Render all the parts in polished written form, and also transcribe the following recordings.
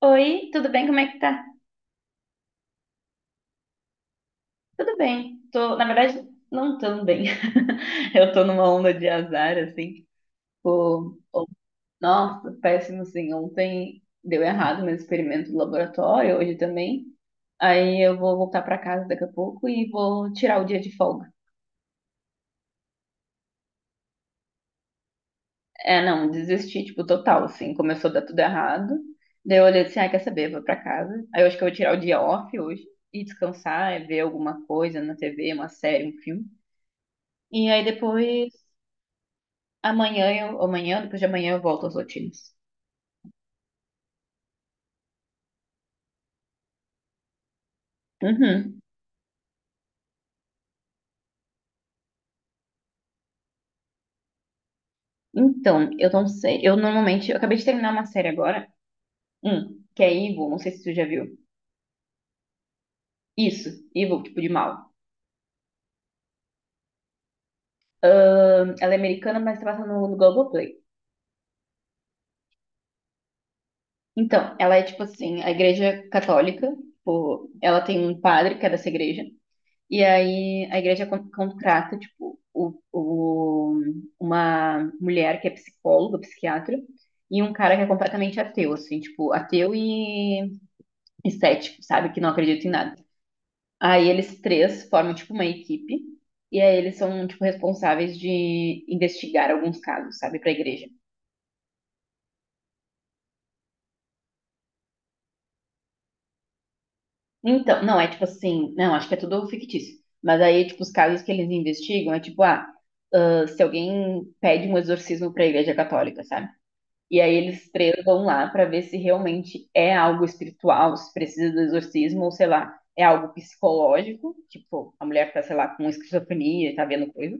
Oi, tudo bem? Como é que tá? Tudo bem. Tô, na verdade, não tão bem. Eu tô numa onda de azar, assim. Tipo, oh, nossa, péssimo, assim. Ontem deu errado meu experimento do laboratório, hoje também. Aí eu vou voltar pra casa daqui a pouco e vou tirar o dia de folga. É, não, desisti, tipo, total, assim. Começou a dar tudo errado. Daí eu olhei assim, ah, quer saber, vou pra casa. Aí eu acho que eu vou tirar o dia off hoje e descansar, é ver alguma coisa na TV, uma série, um filme. E aí depois amanhã eu, amanhã, depois de amanhã eu volto às rotinas. Uhum. Então, eu não sei. Eu normalmente, eu acabei de terminar uma série agora, que é Evil, não sei se tu já viu. Isso, Evil, tipo de mal. Ela é americana, mas tá passando no Globoplay. Então, ela é tipo assim, a igreja católica, tipo, ela tem um padre que é dessa igreja, e aí a igreja contrata, tipo, uma mulher que é psicóloga, psiquiatra, e um cara que é completamente ateu, assim, tipo, ateu e estético, sabe? Que não acredita em nada. Aí eles três formam, tipo, uma equipe. E aí eles são, tipo, responsáveis de investigar alguns casos, sabe? Pra igreja. Então, não, é tipo assim... Não, acho que é tudo fictício. Mas aí, tipo, os casos que eles investigam é tipo, ah... Ah, se alguém pede um exorcismo pra igreja católica, sabe? E aí eles três vão lá pra ver se realmente é algo espiritual, se precisa do exorcismo, ou sei lá, é algo psicológico, tipo, a mulher tá, sei lá, com esquizofrenia, e tá vendo coisa,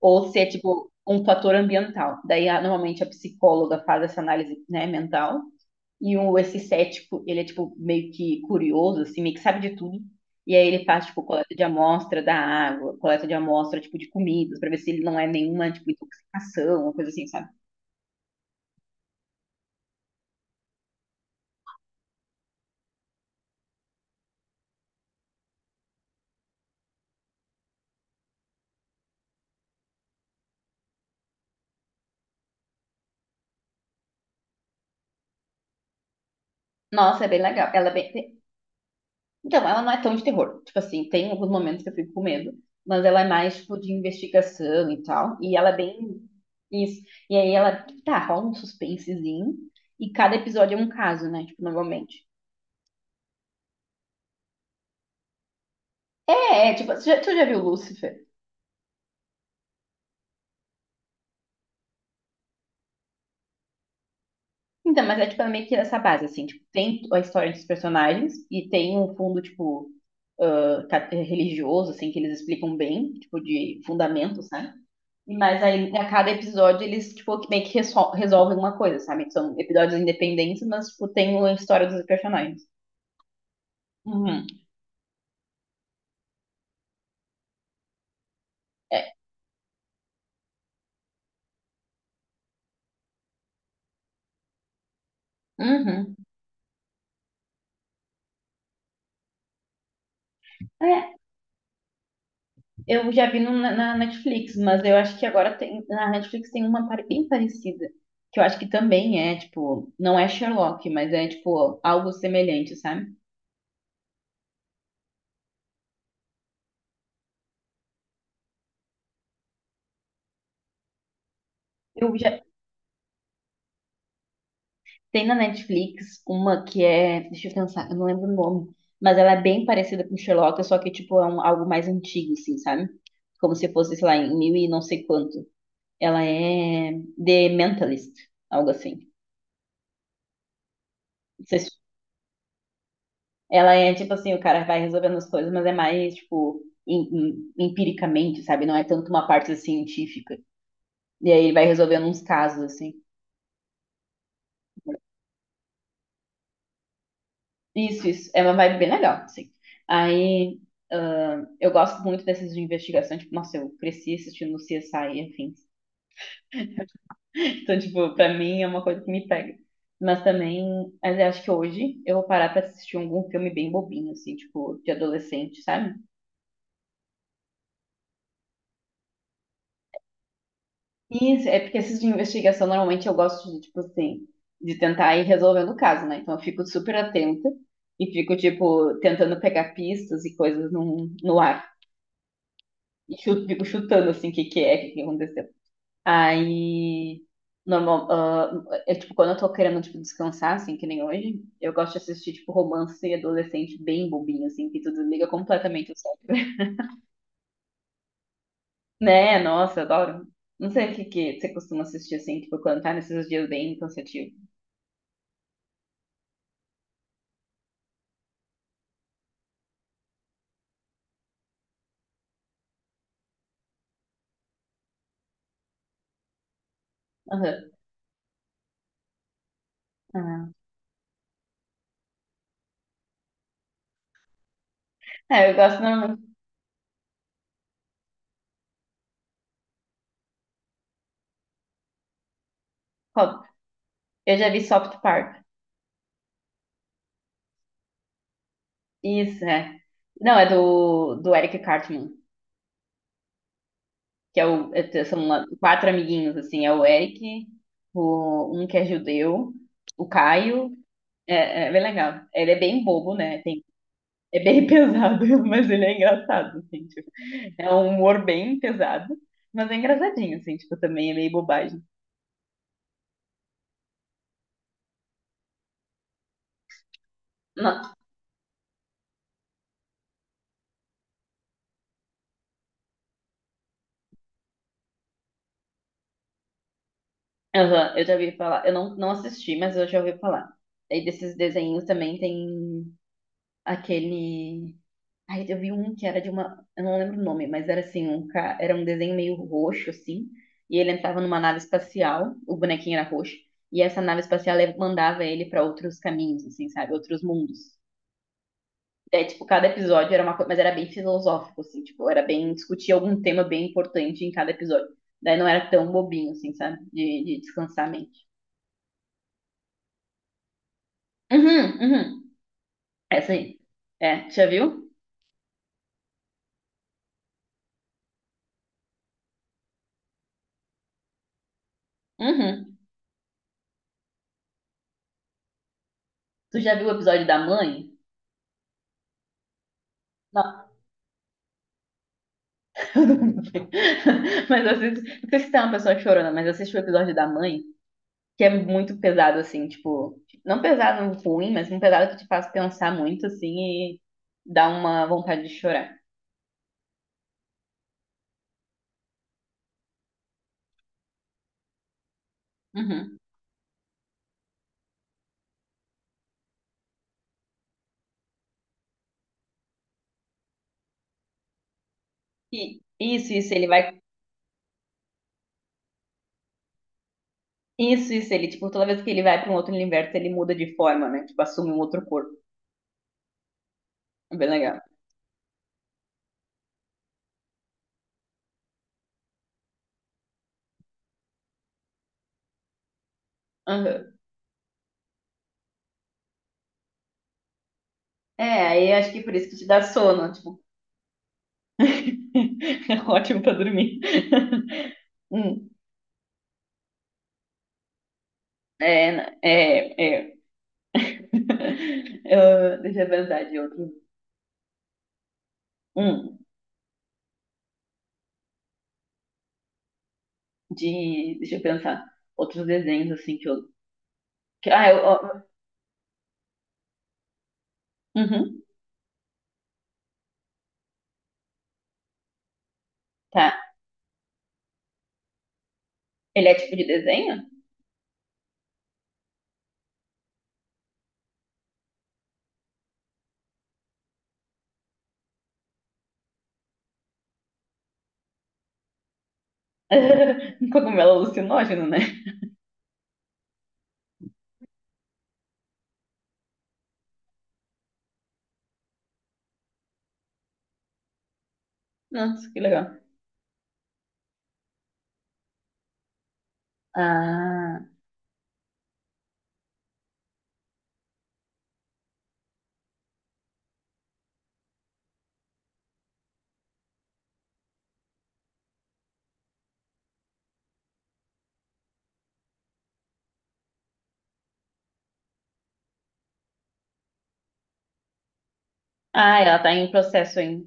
ou se é tipo um fator ambiental. Daí, normalmente, a psicóloga faz essa análise, né, mental. E o, esse cético, ele é tipo meio que curioso, assim, meio que sabe de tudo. E aí ele faz, tipo, coleta de amostra da água, coleta de amostra, tipo, de comidas, pra ver se ele não é nenhuma, tipo, intoxicação, uma coisa assim, sabe? Nossa, é bem legal. Ela é bem, então, ela não é tão de terror. Tipo assim, tem alguns momentos que eu fico com medo, mas ela é mais, tipo, de investigação e tal. E ela é bem isso. E aí ela, tá, rola um suspensezinho. E cada episódio é um caso, né? Tipo, normalmente. É, é, tipo, tu já viu Lúcifer? Então, mas é, tipo, é meio que nessa base, assim. Tipo, tem a história dos personagens e tem um fundo, tipo, ah, religioso, assim, que eles explicam bem, tipo, de fundamentos, né? Mas aí, a cada episódio, eles, tipo, meio que resolvem uma coisa, sabe? São episódios independentes, mas, tipo, tem a história dos personagens. Uhum. É. Uhum. É, eu já vi na Netflix, mas eu acho que agora tem, na Netflix tem uma bem parecida, que eu acho que também é, tipo, não é Sherlock, mas é, tipo, algo semelhante, sabe? Eu já, tem na Netflix uma que é, deixa eu pensar, eu não lembro o nome, mas ela é bem parecida com Sherlock, só que tipo é algo mais antigo, assim, sabe? Como se fosse, sei lá, em mil e não sei quanto. Ela é The Mentalist, algo assim. Não sei se... Ela é tipo assim, o cara vai resolvendo as coisas, mas é mais tipo em- empiricamente, sabe? Não é tanto uma parte assim, científica. E aí ele vai resolvendo uns casos assim. Isso, isso. É uma vibe bem legal, assim. Aí, ah, eu gosto muito dessas de investigação. Tipo, nossa, eu cresci assistindo CSI, enfim. Então, tipo, pra mim é uma coisa que me pega. Mas também, mas eu acho que hoje eu vou parar pra assistir algum filme bem bobinho, assim, tipo, de adolescente, sabe? Isso, é porque esses de investigação, normalmente eu gosto de, tipo, assim, de tentar ir resolvendo o caso, né? Então eu fico super atenta e fico, tipo, tentando pegar pistas e coisas no ar. E fico chutando, assim, o que que é, o que que aconteceu. Aí, normal, ah, eu, tipo, quando eu tô querendo, tipo, descansar, assim, que nem hoje, eu gosto de assistir, tipo, romance adolescente bem bobinho, assim, que tu desliga completamente o cérebro. Né? Nossa, eu adoro. Não sei o que que você costuma assistir, assim, tipo, quando tá nesses dias bem cansativos. Aham. Aham. É, eu gosto normalmente. Qual? Eu já vi South Park. Isso, é. Não, é do Eric Cartman, que é o, é- são lá quatro amiguinhos, assim, é o Eric, o, um que é judeu, o Caio, é, é bem legal. Ele é bem bobo, né? Tem, é bem pesado, mas ele é engraçado, assim, tipo, é um humor bem pesado, mas é engraçadinho, assim, tipo, também é meio bobagem. Não, aham, eu já ouvi falar, eu não assisti, mas eu já ouvi falar. Aí desses desenhos também tem aquele. Ai, eu vi um que era de uma. Eu não lembro o nome, mas era assim, um ca... era um desenho meio roxo, assim, e ele entrava numa nave espacial, o bonequinho era roxo, e essa nave espacial mandava ele para outros caminhos, assim, sabe? Outros mundos. É, tipo, cada episódio era uma coisa, mas era bem filosófico, assim, tipo, era bem discutir algum tema bem importante em cada episódio. Daí não era tão bobinho, assim, sabe? De descansar a mente. Uhum, uhum. Essa aí. É, tu já viu? Uhum. Tu já viu o episódio da mãe? Não, eu não vi. Mas eu assisto, não sei se tá uma pessoa chorona, mas eu o episódio da mãe, que é muito pesado, assim, tipo, não pesado ruim, mas um pesado que te faz pensar muito, assim, e dá uma vontade de chorar. Uhum. E isso, ele vai... Isso, ele, tipo, toda vez que ele vai pra um outro universo, ele muda de forma, né? Tipo, assume um outro corpo. É bem legal. Aham. É, aí acho que por isso que te dá sono, tipo, é ótimo pra dormir. Hum, é, é, é. Eu... deixa eu pensar de outro. Hum, de, deixa eu pensar. Outros desenhos, assim, que eu. Que... ah, eu. Ó, uhum, tá. Ele é tipo de desenho? Um cogumelo alucinógeno, né? Nossa, que legal. Ah, ah, ela tá em processo ainda.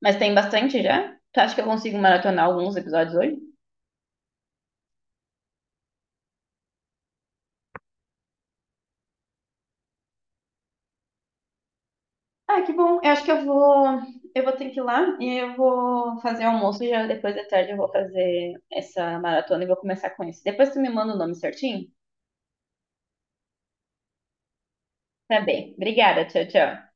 Mas tem bastante já? Tu acha que eu consigo maratonar alguns episódios hoje? Ah, que bom. Eu acho que eu vou. Eu vou ter que ir lá e eu vou fazer o almoço e já depois da tarde eu vou fazer essa maratona e vou começar com isso. Depois tu me manda o nome certinho? Tá bem. Obrigada. Tchau, tchau.